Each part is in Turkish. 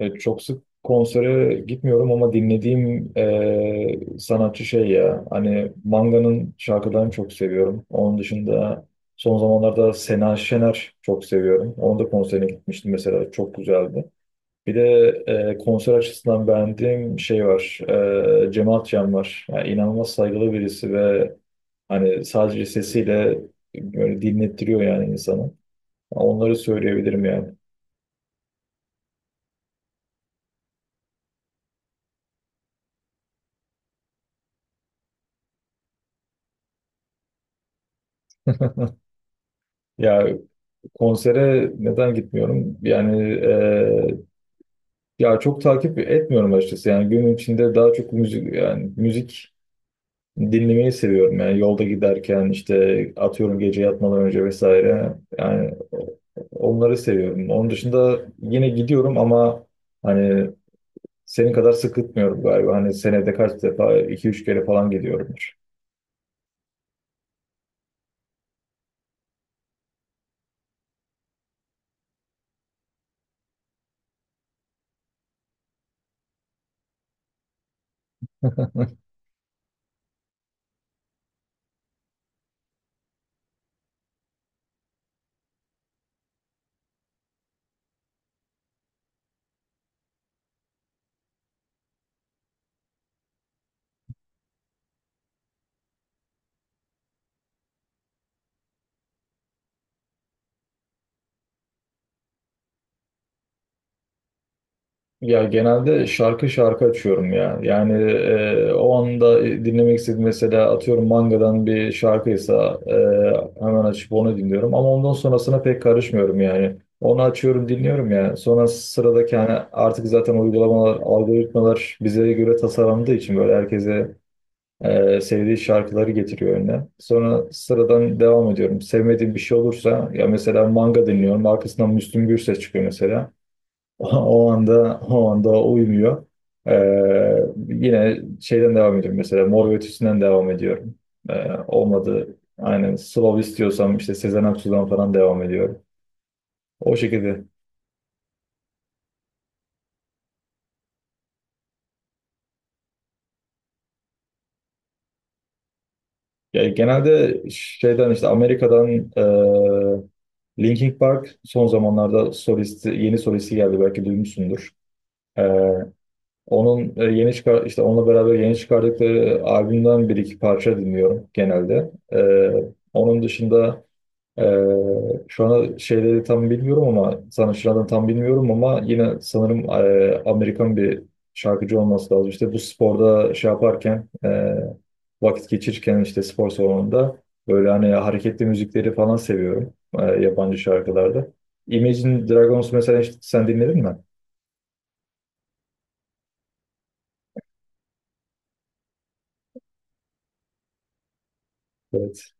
Çok sık konsere gitmiyorum ama dinlediğim sanatçı şey ya hani Manga'nın şarkılarını çok seviyorum. Onun dışında son zamanlarda Sena Şener çok seviyorum. Onun da konserine gitmiştim mesela, çok güzeldi. Bir de konser açısından beğendiğim şey var. Cem Akçam var. Yani inanılmaz saygılı birisi ve hani sadece sesiyle böyle dinlettiriyor yani insanı. Onları söyleyebilirim yani. Ya, konsere neden gitmiyorum? Yani ya çok takip etmiyorum açıkçası. Yani günün içinde daha çok müzik, yani dinlemeyi seviyorum. Yani yolda giderken işte, atıyorum, gece yatmadan önce vesaire. Yani onları seviyorum. Onun dışında yine gidiyorum ama hani senin kadar sık gitmiyorum galiba. Hani senede kaç defa, iki üç kere falan gidiyorumdur. Ya genelde şarkı şarkı açıyorum ya. Yani o anda dinlemek istediğim, mesela atıyorum mangadan bir şarkıysa, hemen açıp onu dinliyorum. Ama ondan sonrasına pek karışmıyorum yani. Onu açıyorum dinliyorum ya. Sonra sıradaki, hani artık zaten uygulamalar, algoritmalar bize göre tasarlandığı için böyle herkese sevdiği şarkıları getiriyor önüne. Sonra sıradan devam ediyorum. Sevmediğim bir şey olursa, ya mesela manga dinliyorum, arkasından Müslüm Gürses çıkıyor mesela. O anda uymuyor. Ee, Yine şeyden devam ediyorum, mesela Mor ve Ötesi'nden devam ediyorum. Olmadı. Aynen, Slav istiyorsam işte Sezen Aksu'dan falan devam ediyorum. O şekilde. Yani genelde şeyden, işte Amerika'dan Linkin Park, son zamanlarda solisti, yeni solisti geldi, belki duymuşsundur. Ee, Onun yeni çıkar işte, onunla beraber yeni çıkardıkları albümden bir iki parça dinliyorum genelde. Onun dışında Ee, şu an şeyleri tam bilmiyorum, ama sanatçılardan tam bilmiyorum ama yine sanırım Amerikan bir şarkıcı olması lazım. İşte bu sporda şey yaparken, vakit geçirirken işte, spor salonunda böyle hani hareketli müzikleri falan seviyorum, yabancı şarkılarda. Imagine Dragons mesela, hiç sen dinledin mi? Evet.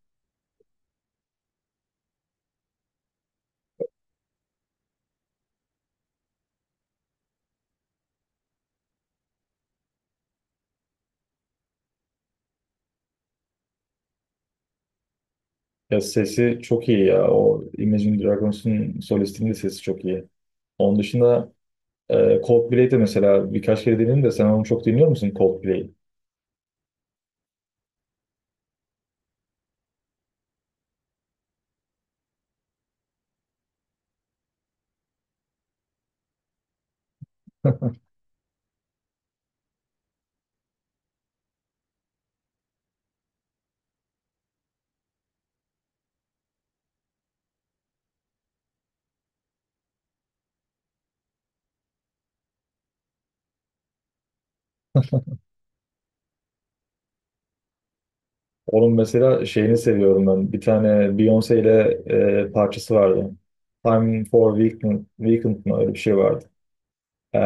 Ya sesi çok iyi ya. O Imagine Dragons'un solistinin de sesi çok iyi. Onun dışında Coldplay'de mesela birkaç kere dinledim de, sen onu çok dinliyor musun, Coldplay? Onun mesela şeyini seviyorum ben. Bir tane Beyoncé ile parçası vardı. Time for Weekend, Weekend mı, öyle bir şey vardı. Ee,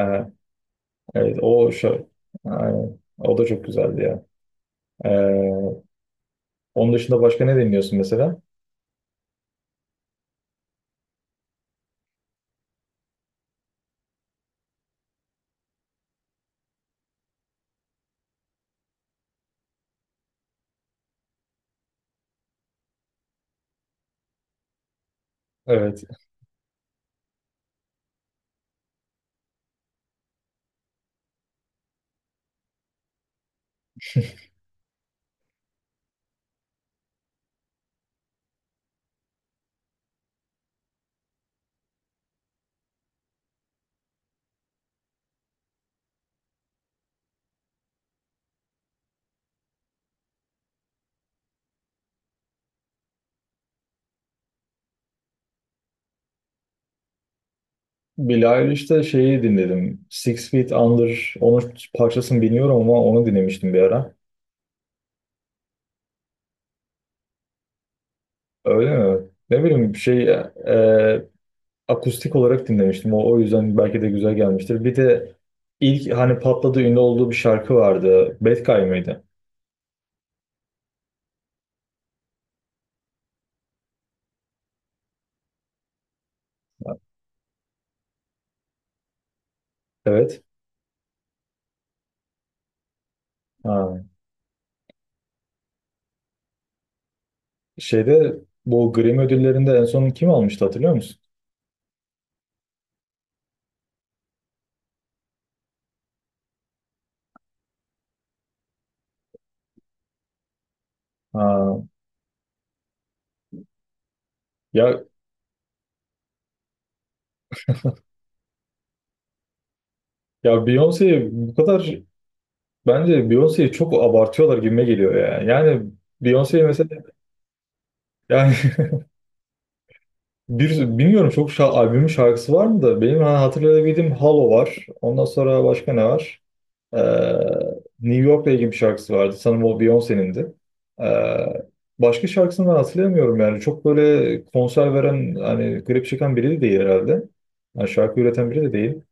evet, o şarkı. Aynen. O da çok güzeldi ya. Ee, Onun dışında başka ne dinliyorsun mesela? Evet. Billie Eilish'te şeyi dinledim, Six Feet Under. Onun parçasını bilmiyorum ama onu dinlemiştim bir ara. Öyle mi? Ne bileyim şey, akustik olarak dinlemiştim. O yüzden belki de güzel gelmiştir. Bir de ilk hani patladı, ünlü olduğu bir şarkı vardı, Bad Guy mıydı? Evet. Ha. Şeyde, bu Grammy ödüllerinde en son kim almıştı, hatırlıyor musun? Ha. Ya, Beyoncé bu kadar, bence Beyoncé'yi çok abartıyorlar gibime geliyor ya. Yani Beyoncé mesela, yani bir, bilmiyorum çok şa albümün şarkısı var mı da, benim hatırlayabildiğim Hollow var. Ondan sonra başka ne var? Ee, New York'la ilgili bir şarkısı vardı, sanırım o Beyoncé'nindi. Ee, Başka şarkısını ben hatırlayamıyorum yani. Çok böyle konser veren, hani klip çeken biri de değil herhalde. Yani şarkı üreten biri de değil.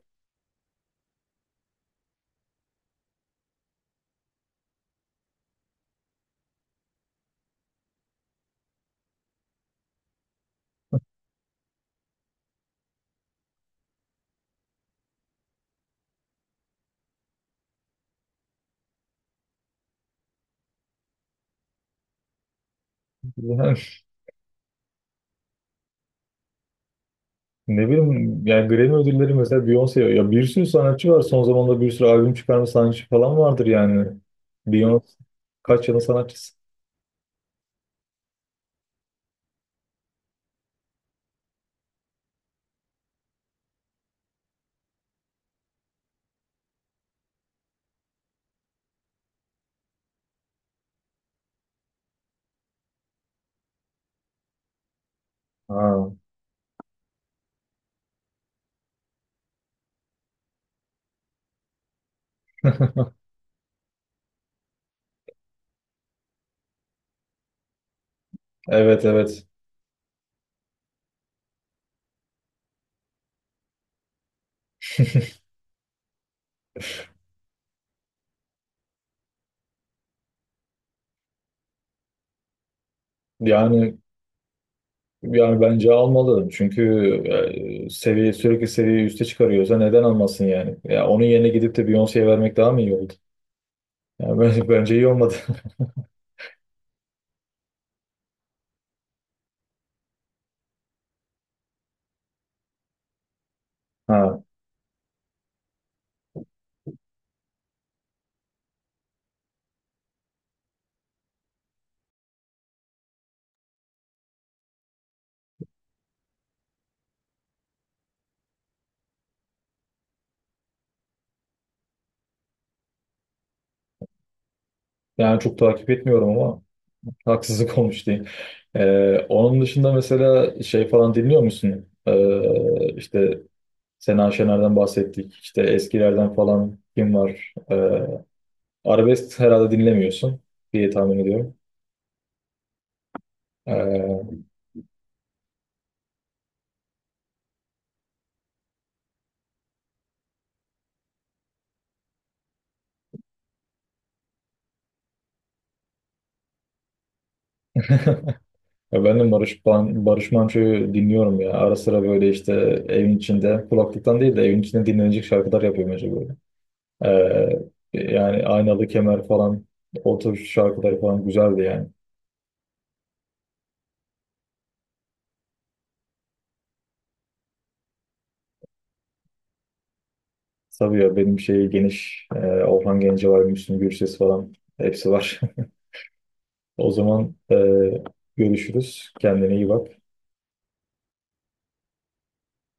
Yani ne bileyim, yani Grammy ödülleri mesela, Beyoncé ya, bir sürü sanatçı var. Son zamanlarda bir sürü albüm çıkarma sanatçı falan vardır yani. Beyoncé kaç yılın sanatçısı. Ha. Evet, evet. Yani yani bence almalı. Çünkü seviye sürekli, seviyeyi üste çıkarıyorsa neden almasın yani? Ya onun yerine gidip de Beyoncé'ye vermek daha mı iyi oldu? Yani ben- bence iyi olmadı. Ha. Yani çok takip etmiyorum ama haksızlık olmuş değil. Onun dışında mesela şey falan dinliyor musun? İşte Sena Şener'den bahsettik. İşte eskilerden falan kim var? Arabesk herhalde dinlemiyorsun diye tahmin ediyorum. E. Ya ben de Barış Manço'yu dinliyorum ya. Ara sıra böyle işte evin içinde, kulaklıktan değil de evin içinde dinlenecek şarkılar yapıyorum acaba böyle. Ee, Yani Aynalı Kemer falan, o tür şarkılar falan güzeldi yani. Tabii ya, benim şey geniş, Orhan Gencebay, Müslüm Gürses falan hepsi var. O zaman görüşürüz. Kendine iyi bak.